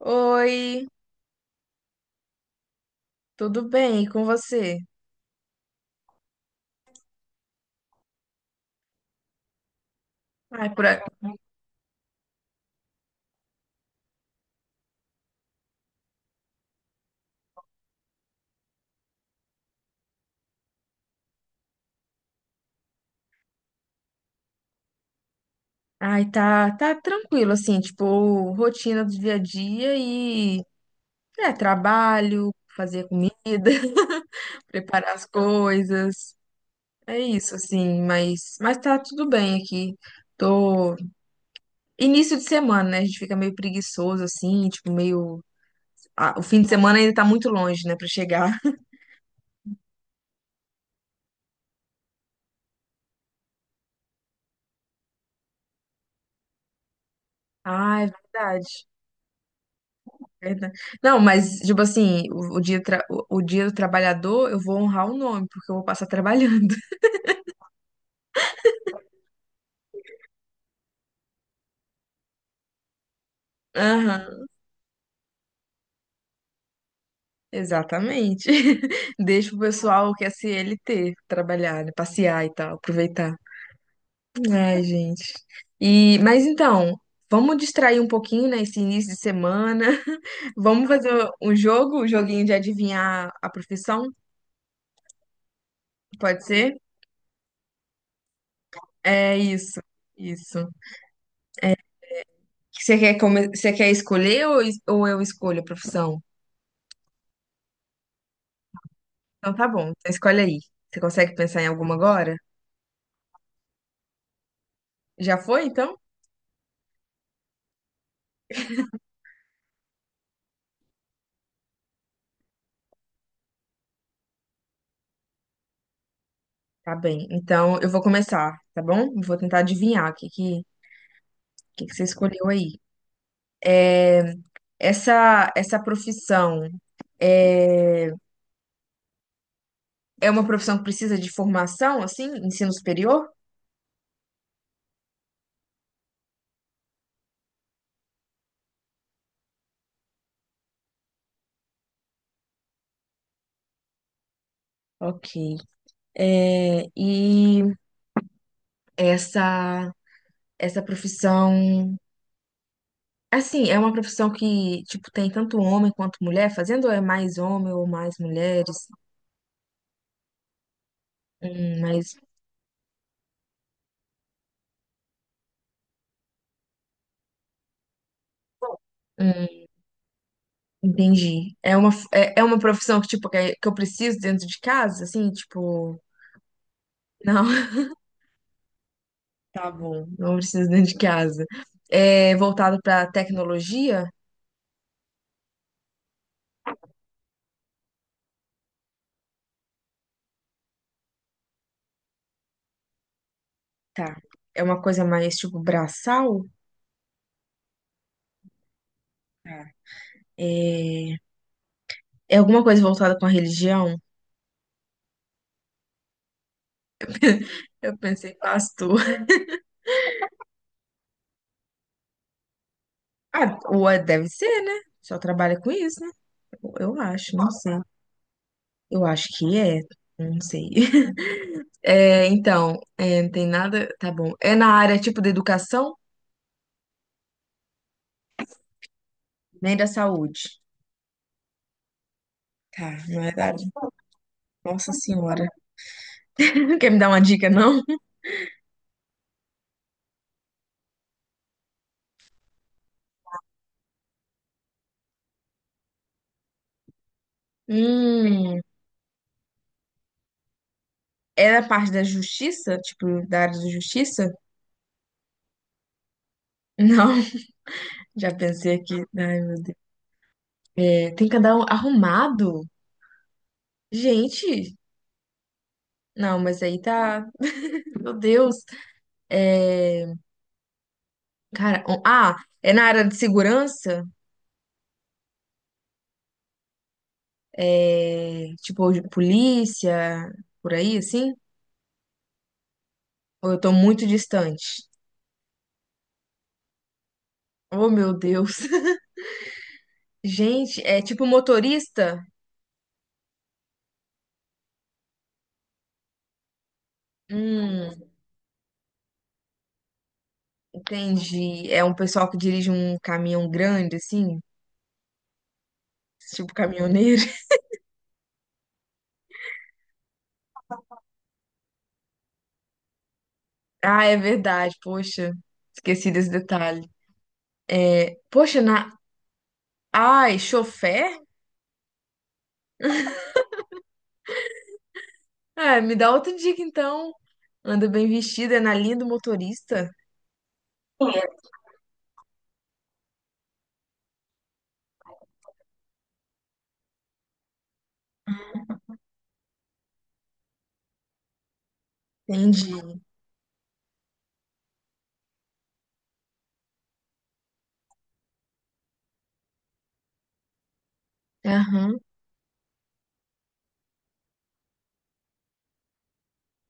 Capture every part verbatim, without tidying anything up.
Oi, tudo bem? E com você? Ai, por a- Ai, tá, tá tranquilo, assim, tipo, rotina do dia a dia e é, trabalho, fazer comida, preparar as coisas. É isso, assim, mas, mas tá tudo bem aqui. Tô. Início de semana, né? A gente fica meio preguiçoso, assim, tipo, meio. Ah, o fim de semana ainda tá muito longe, né, pra chegar. Ah, é verdade. Verdade. Não, mas, tipo assim, o, o dia, tra- o, o dia do trabalhador, eu vou honrar o nome, porque eu vou passar trabalhando. Aham, exatamente. Deixa o pessoal que é C L T trabalhar, né, passear e tal, aproveitar. Ai, gente. E, mas então, vamos distrair um pouquinho, né, esse início de semana. Vamos fazer um jogo, um joguinho de adivinhar a profissão? Pode ser? É isso, isso. Você quer, come... Você quer escolher ou, es- ou eu escolho a profissão? Então tá bom, então escolhe aí. Você consegue pensar em alguma agora? Já foi, então? Tá bem, então eu vou começar, tá bom? Eu vou tentar adivinhar o que que, o que que você escolheu aí. Essa, essa profissão é, é uma profissão que precisa de formação, assim, ensino superior? Ok. É, e essa, essa profissão, assim, é uma profissão que, tipo, tem tanto homem quanto mulher fazendo, ou é mais homem ou mais mulheres? Hum, mais. Hum. Entendi. É uma, é, é uma profissão que, tipo, que, é- que eu preciso dentro de casa, assim, tipo, não, tá bom, não preciso dentro de casa. É voltado pra tecnologia? Tá. É uma coisa mais, tipo, braçal? Tá. É, é alguma coisa voltada com a religião? Eu pensei, pastor. Ah, ou é- deve ser, né? Só trabalha com isso, né? Eu acho, não sei. Eu acho que é, não sei. É, então, é, não tem nada, tá bom. É na área, tipo, da educação? Nem da saúde. Tá, não é verdade. Nossa Senhora. Quer me dar uma dica, não? Hum, é da parte da justiça? Tipo, da área da justiça? Não, já pensei aqui. Ai, meu Deus. É, tem que andar um- arrumado? Gente, não, mas aí tá. Meu Deus. É, cara, um- ah, é na área de segurança? É, tipo, de polícia, por aí, assim? Ou eu tô muito distante? Oh, meu Deus. Gente, é tipo motorista? Hum, entendi. É um pessoal que dirige um caminhão grande, assim, tipo caminhoneiro. Ah, é verdade, poxa, esqueci desse detalhe. É, poxa, na. Ai, chofer? Ah, me dá outra dica então. Anda bem vestida, é na linha do motorista? Entendi. Aham.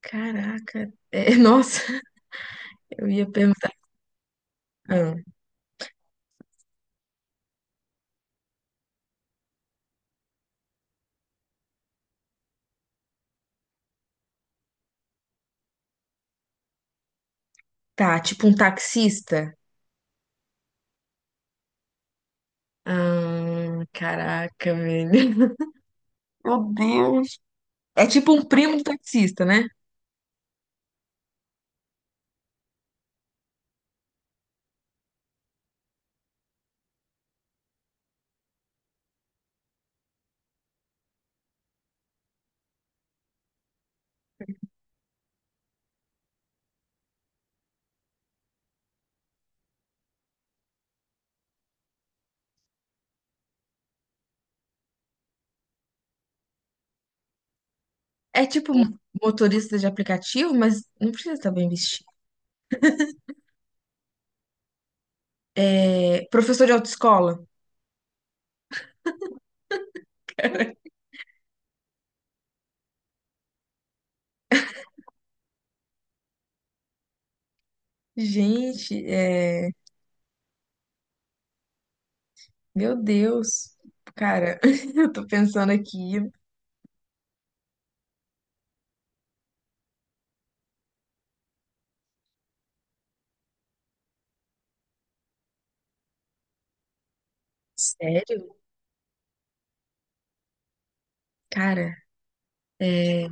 Caraca. É, nossa, eu ia perguntar. Ah, tá, tipo um taxista? Ah, caraca, velho. Meu Deus. É tipo um primo do taxista, né? É tipo motorista de aplicativo, mas não precisa estar bem vestido. É, professor de autoescola. Gente, é, meu Deus. Cara, eu tô pensando aqui. Sério? Cara, é,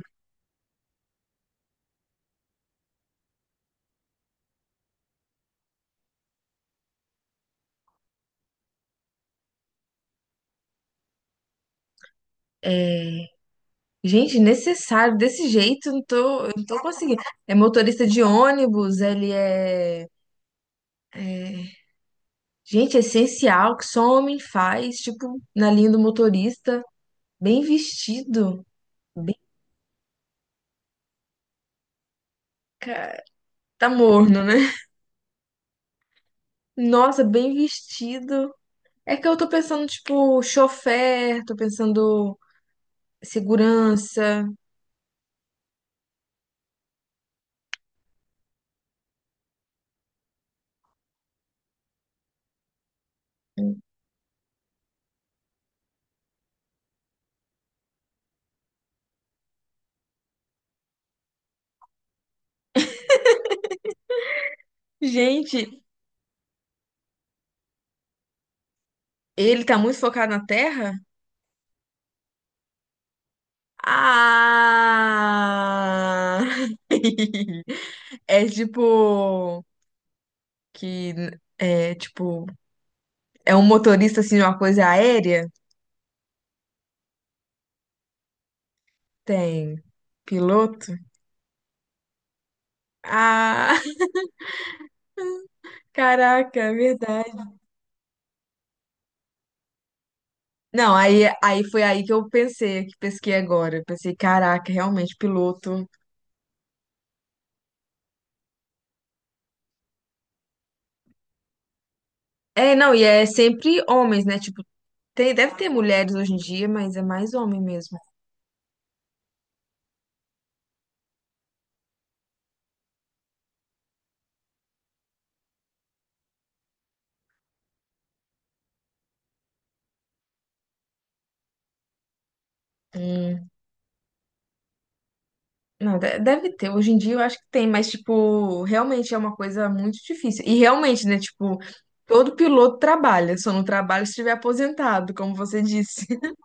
é, gente, necessário. Desse jeito, eu não tô, eu não tô conseguindo. É motorista de ônibus, ele é, é, gente, é essencial que só homem faz, tipo, na linha do motorista, bem vestido. Bem, cara, tá morno, né? Nossa, bem vestido. É que eu tô pensando, tipo, chofer, tô pensando segurança. Gente, ele tá muito focado na terra? Ah! É tipo que é tipo é um motorista assim de uma coisa aérea? Tem piloto? Ah, caraca, é verdade. Não, aí, aí foi aí que eu pensei, que pesquei agora. Eu pensei, caraca, realmente, piloto. É, não, e é sempre homens, né? Tipo, tem, deve ter mulheres hoje em dia, mas é mais homem mesmo. Hum, não, de- deve ter. Hoje em dia eu acho que tem, mas, tipo, realmente é uma coisa muito difícil. E realmente, né? Tipo, todo piloto trabalha, só não trabalha se estiver aposentado, como você disse.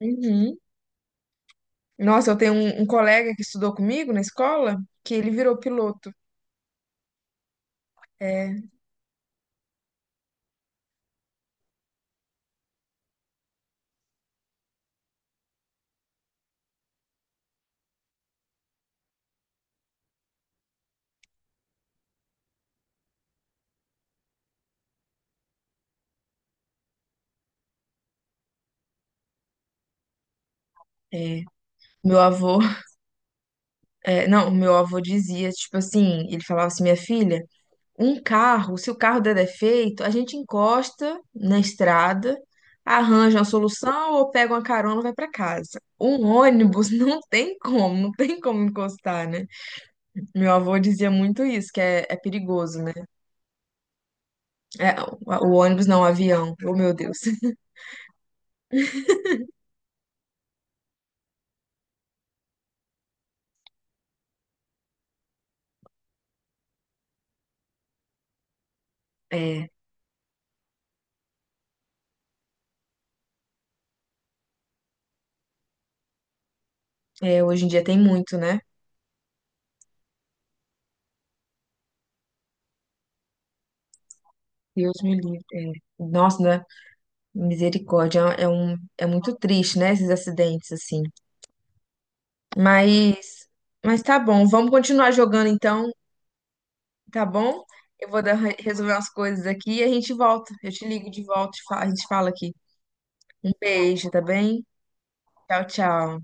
Uhum. Nossa, eu tenho um, um colega que estudou comigo na escola, que ele virou piloto. É, é. Meu avô. É, não, o meu avô dizia, tipo assim, ele falava assim, minha filha, um carro, se o carro der defeito, a gente encosta na estrada, arranja uma solução ou pega uma carona e vai pra casa. Um ônibus não tem como, não tem como encostar, né? Meu avô dizia muito isso, que é, é perigoso, né? É, o, o ônibus não, o avião. Oh, meu Deus. É, é, hoje em dia tem muito, né? Deus me livre. É. Nossa, né? Misericórdia, é é um, é muito triste, né? Esses acidentes assim. Mas, mas tá bom, vamos continuar jogando então, tá bom? Eu vou dar- resolver umas coisas aqui e a gente volta. Eu te ligo de volta, e fa- a gente fala aqui. Um beijo, tá bem? Tchau, tchau.